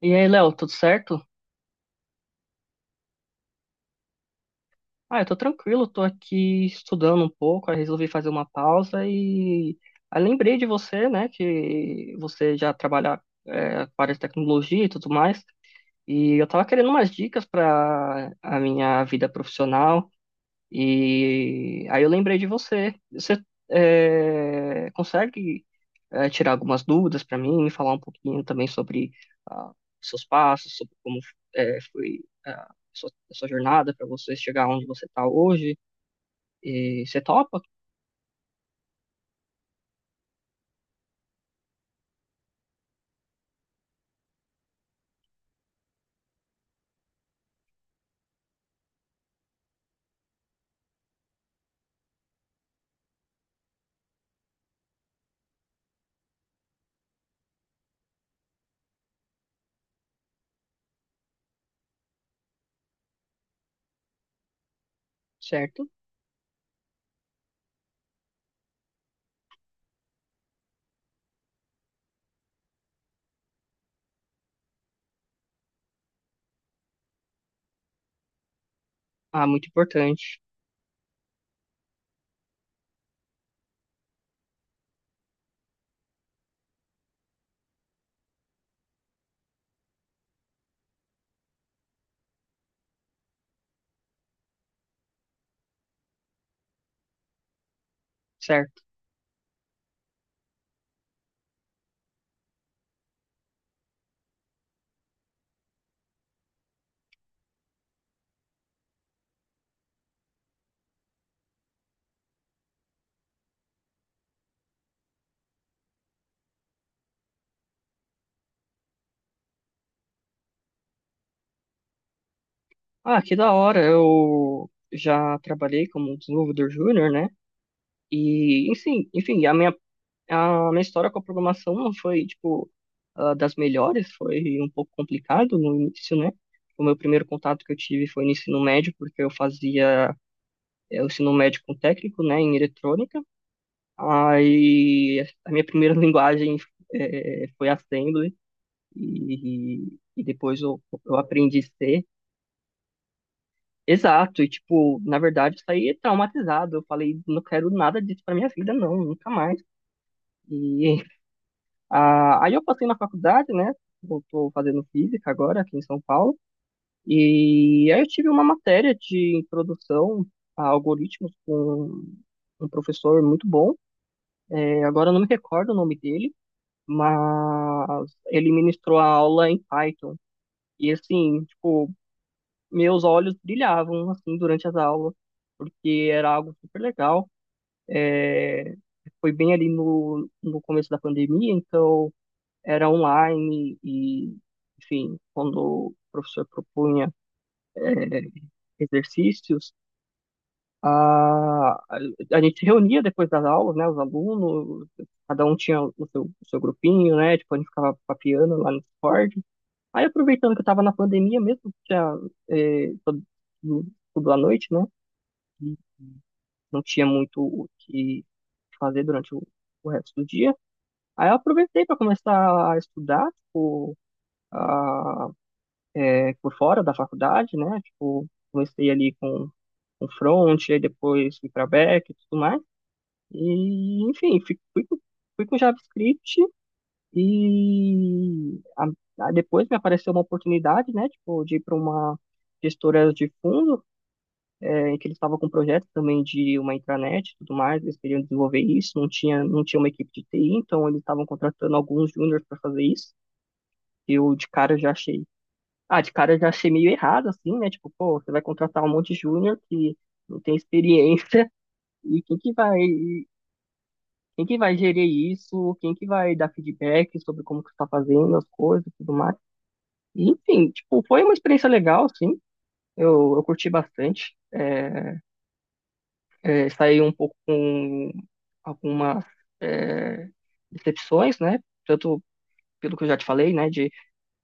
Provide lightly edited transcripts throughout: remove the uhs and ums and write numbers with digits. E aí, Léo, tudo certo? Eu tô tranquilo, tô aqui estudando um pouco, aí resolvi fazer uma pausa e aí lembrei de você, né, que você já trabalha com a área de tecnologia e tudo mais, e eu tava querendo umas dicas para a minha vida profissional. E aí eu lembrei de você. Você consegue tirar algumas dúvidas para mim, me falar um pouquinho também sobre ah, seus passos, sobre como foi a sua jornada para você chegar onde você está hoje? E você topa? Certo? Ah, muito importante. Certo. Ah, que da hora. Eu já trabalhei como desenvolvedor júnior, né? E, enfim, a minha A minha história com a programação não foi, tipo, ah, das melhores, foi um pouco complicado no início, né? O meu primeiro contato que eu tive foi no ensino médio, porque eu fazia o ensino médio com técnico, né, em eletrônica. Aí a minha primeira linguagem foi Assembly, e, e depois eu aprendi C. Exato, e tipo, na verdade, isso aí é traumatizado. Eu falei, não quero nada disso pra minha vida, não, nunca mais. E ah, aí eu passei na faculdade, né? Eu tô fazendo física agora aqui em São Paulo. E aí eu tive uma matéria de introdução a algoritmos com um professor muito bom. É, agora eu não me recordo o nome dele, mas ele ministrou a aula em Python. E assim, tipo, meus olhos brilhavam assim durante as aulas, porque era algo super legal. É, foi bem ali no, no começo da pandemia, então era online e, enfim, quando o professor propunha eh, exercícios, a, a gente se reunia depois das aulas, né, os alunos, cada um tinha o seu grupinho, né, tipo, a gente ficava papiando lá no Discord. Aí, aproveitando que eu estava na pandemia mesmo, tinha, eh, todo- tudo à noite, né, e não tinha muito o que fazer durante o resto do dia. Aí eu aproveitei para começar a estudar, tipo, a é, por fora da faculdade, né? Tipo, comecei ali com front, aí depois fui para back e tudo mais. E, enfim, fui com JavaScript e a- depois me apareceu uma oportunidade, né? Tipo, de ir para uma gestora de fundo, é, em que eles estavam com um projeto também de uma intranet e tudo mais, eles queriam desenvolver isso, não tinha, não tinha uma equipe de TI, então eles estavam contratando alguns juniors para fazer isso. Eu de cara já achei ah, de cara eu já achei meio errado, assim, né? Tipo, pô, você vai contratar um monte de júnior que não tem experiência e quem que vai gerir isso? Quem que vai dar feedback sobre como que você tá fazendo as coisas e tudo mais? E, enfim, tipo, foi uma experiência legal, assim. Eu curti bastante. É, é, saí um pouco com algumas é, decepções, né? Tanto pelo que eu já te falei, né?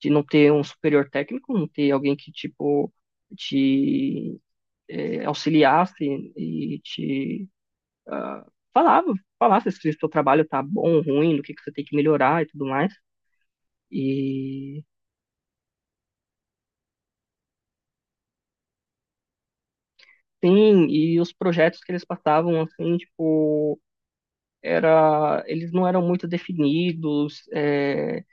De não ter um superior técnico, não ter alguém que, tipo, te auxiliasse e te ah, falava, falasse se o seu trabalho tá bom, ruim, do que você tem que melhorar e tudo mais. E sim, e os projetos que eles passavam assim, tipo, era, eles não eram muito definidos,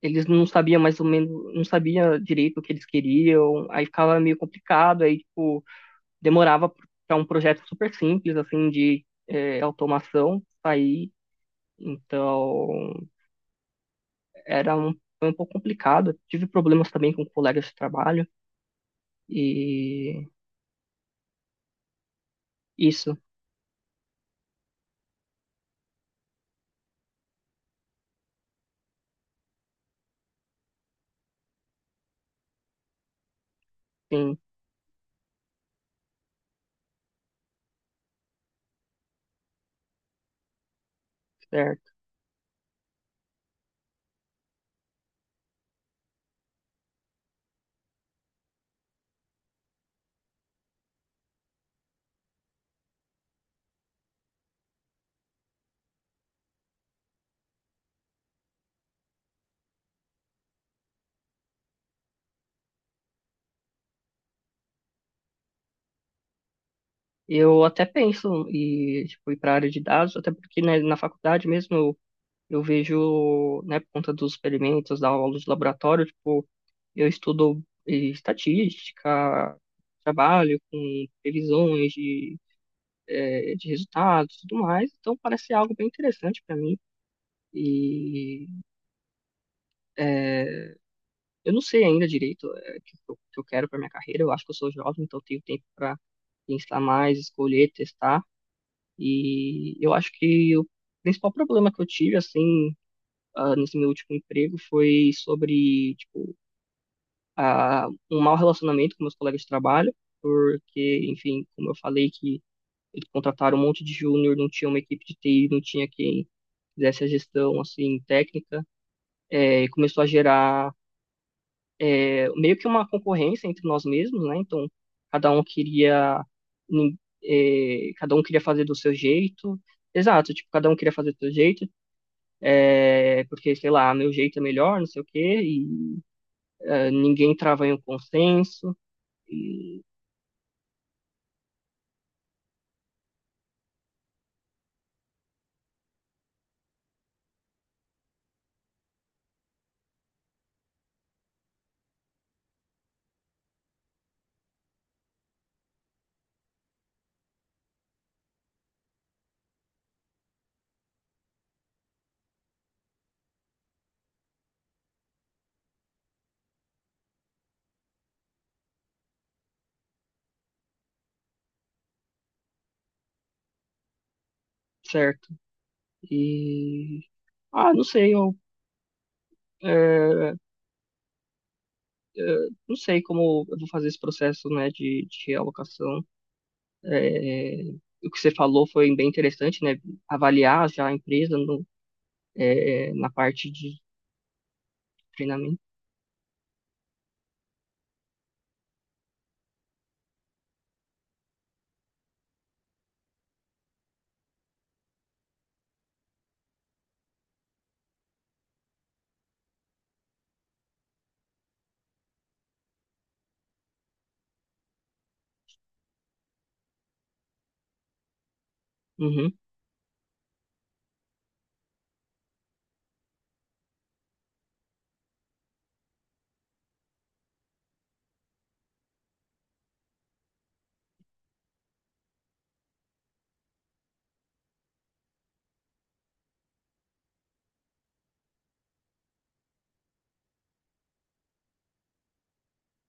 eles não sabiam mais ou menos, não sabia direito o que eles queriam, aí ficava meio complicado, aí tipo, demorava para um projeto super simples assim de automação sair. Então, era um, foi um pouco complicado. Tive problemas também com colegas de trabalho e isso, sim, certo. Eu até penso em tipo, ir para a área de dados, até porque né, na faculdade mesmo eu vejo, né, por conta dos experimentos, da aula de laboratório, tipo, eu estudo estatística, trabalho com previsões de, de resultados e tudo mais, então parece algo bem interessante para mim. E eh, eu não sei ainda direito é, o que eu quero para minha carreira. Eu acho que eu sou jovem, então eu tenho tempo para pensar mais, escolher, testar. E eu acho que o principal problema que eu tive, assim, ah, nesse meu último emprego foi sobre, tipo, ah, um mau relacionamento com meus colegas de trabalho, porque, enfim, como eu falei que eles contrataram um monte de júnior, não tinha uma equipe de TI, não tinha quem fizesse a gestão, assim, técnica. É, começou a gerar é, meio que uma concorrência entre nós mesmos, né? Então, cada um queria, nin- cada um queria fazer do seu jeito. Exato, tipo, cada um queria fazer do seu jeito, é, porque, sei lá, meu jeito é melhor, não sei o quê, e ninguém trava em um consenso, e- certo? E, ah, não sei, eh, não sei como eu vou fazer esse processo, né, de alocação. Eh, o que você falou foi bem interessante, né? Avaliar já a empresa no é, é, na parte de treinamento. Uhum,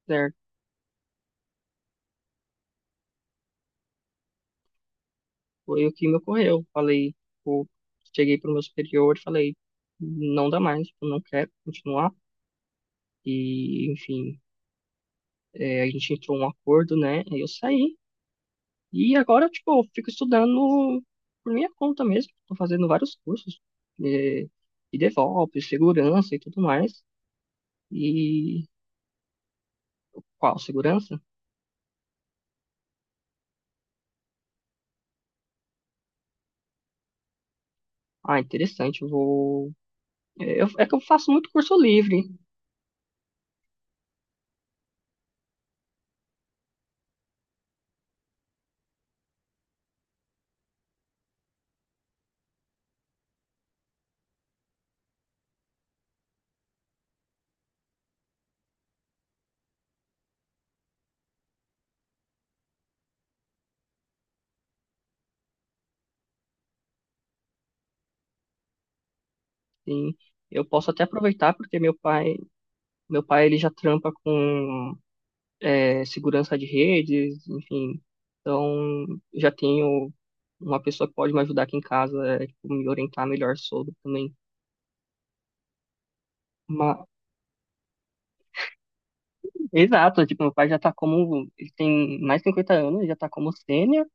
certo. Foi o que me ocorreu. Falei, tipo, cheguei pro meu superior e falei, não dá mais, eu não quero continuar. E, enfim, é, a gente entrou um acordo, né? Aí eu saí. E agora, tipo, eu fico estudando por minha conta mesmo. Tô fazendo vários cursos é, de DevOps, segurança e tudo mais. E qual? Segurança? Ah, interessante. Eu vou. É eu- é que eu faço muito curso livre. Sim, eu posso até aproveitar porque meu pai ele já trampa com segurança de redes, enfim. Então já tenho uma pessoa que pode me ajudar aqui em casa, é, tipo, me orientar melhor sobre também. Ma- exato, tipo, meu pai já tá como, ele tem mais de 50 anos, ele já tá como sênior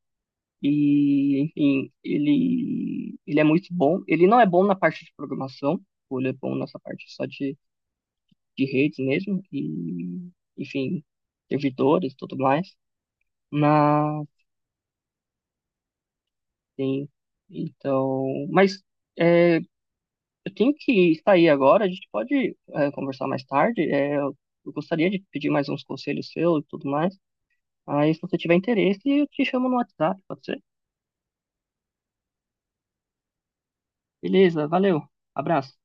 e, enfim, ele é muito bom. Ele não é bom na parte de programação, tipo, ele é bom nessa parte só de redes mesmo, e, enfim, servidores e tudo mais. Mas, sim, então. Mas é, eu tenho que sair agora, a gente pode é, conversar mais tarde. É, eu gostaria de pedir mais uns conselhos seus e tudo mais. Aí, se você tiver interesse, eu te chamo no WhatsApp, pode ser? Beleza, valeu, abraço.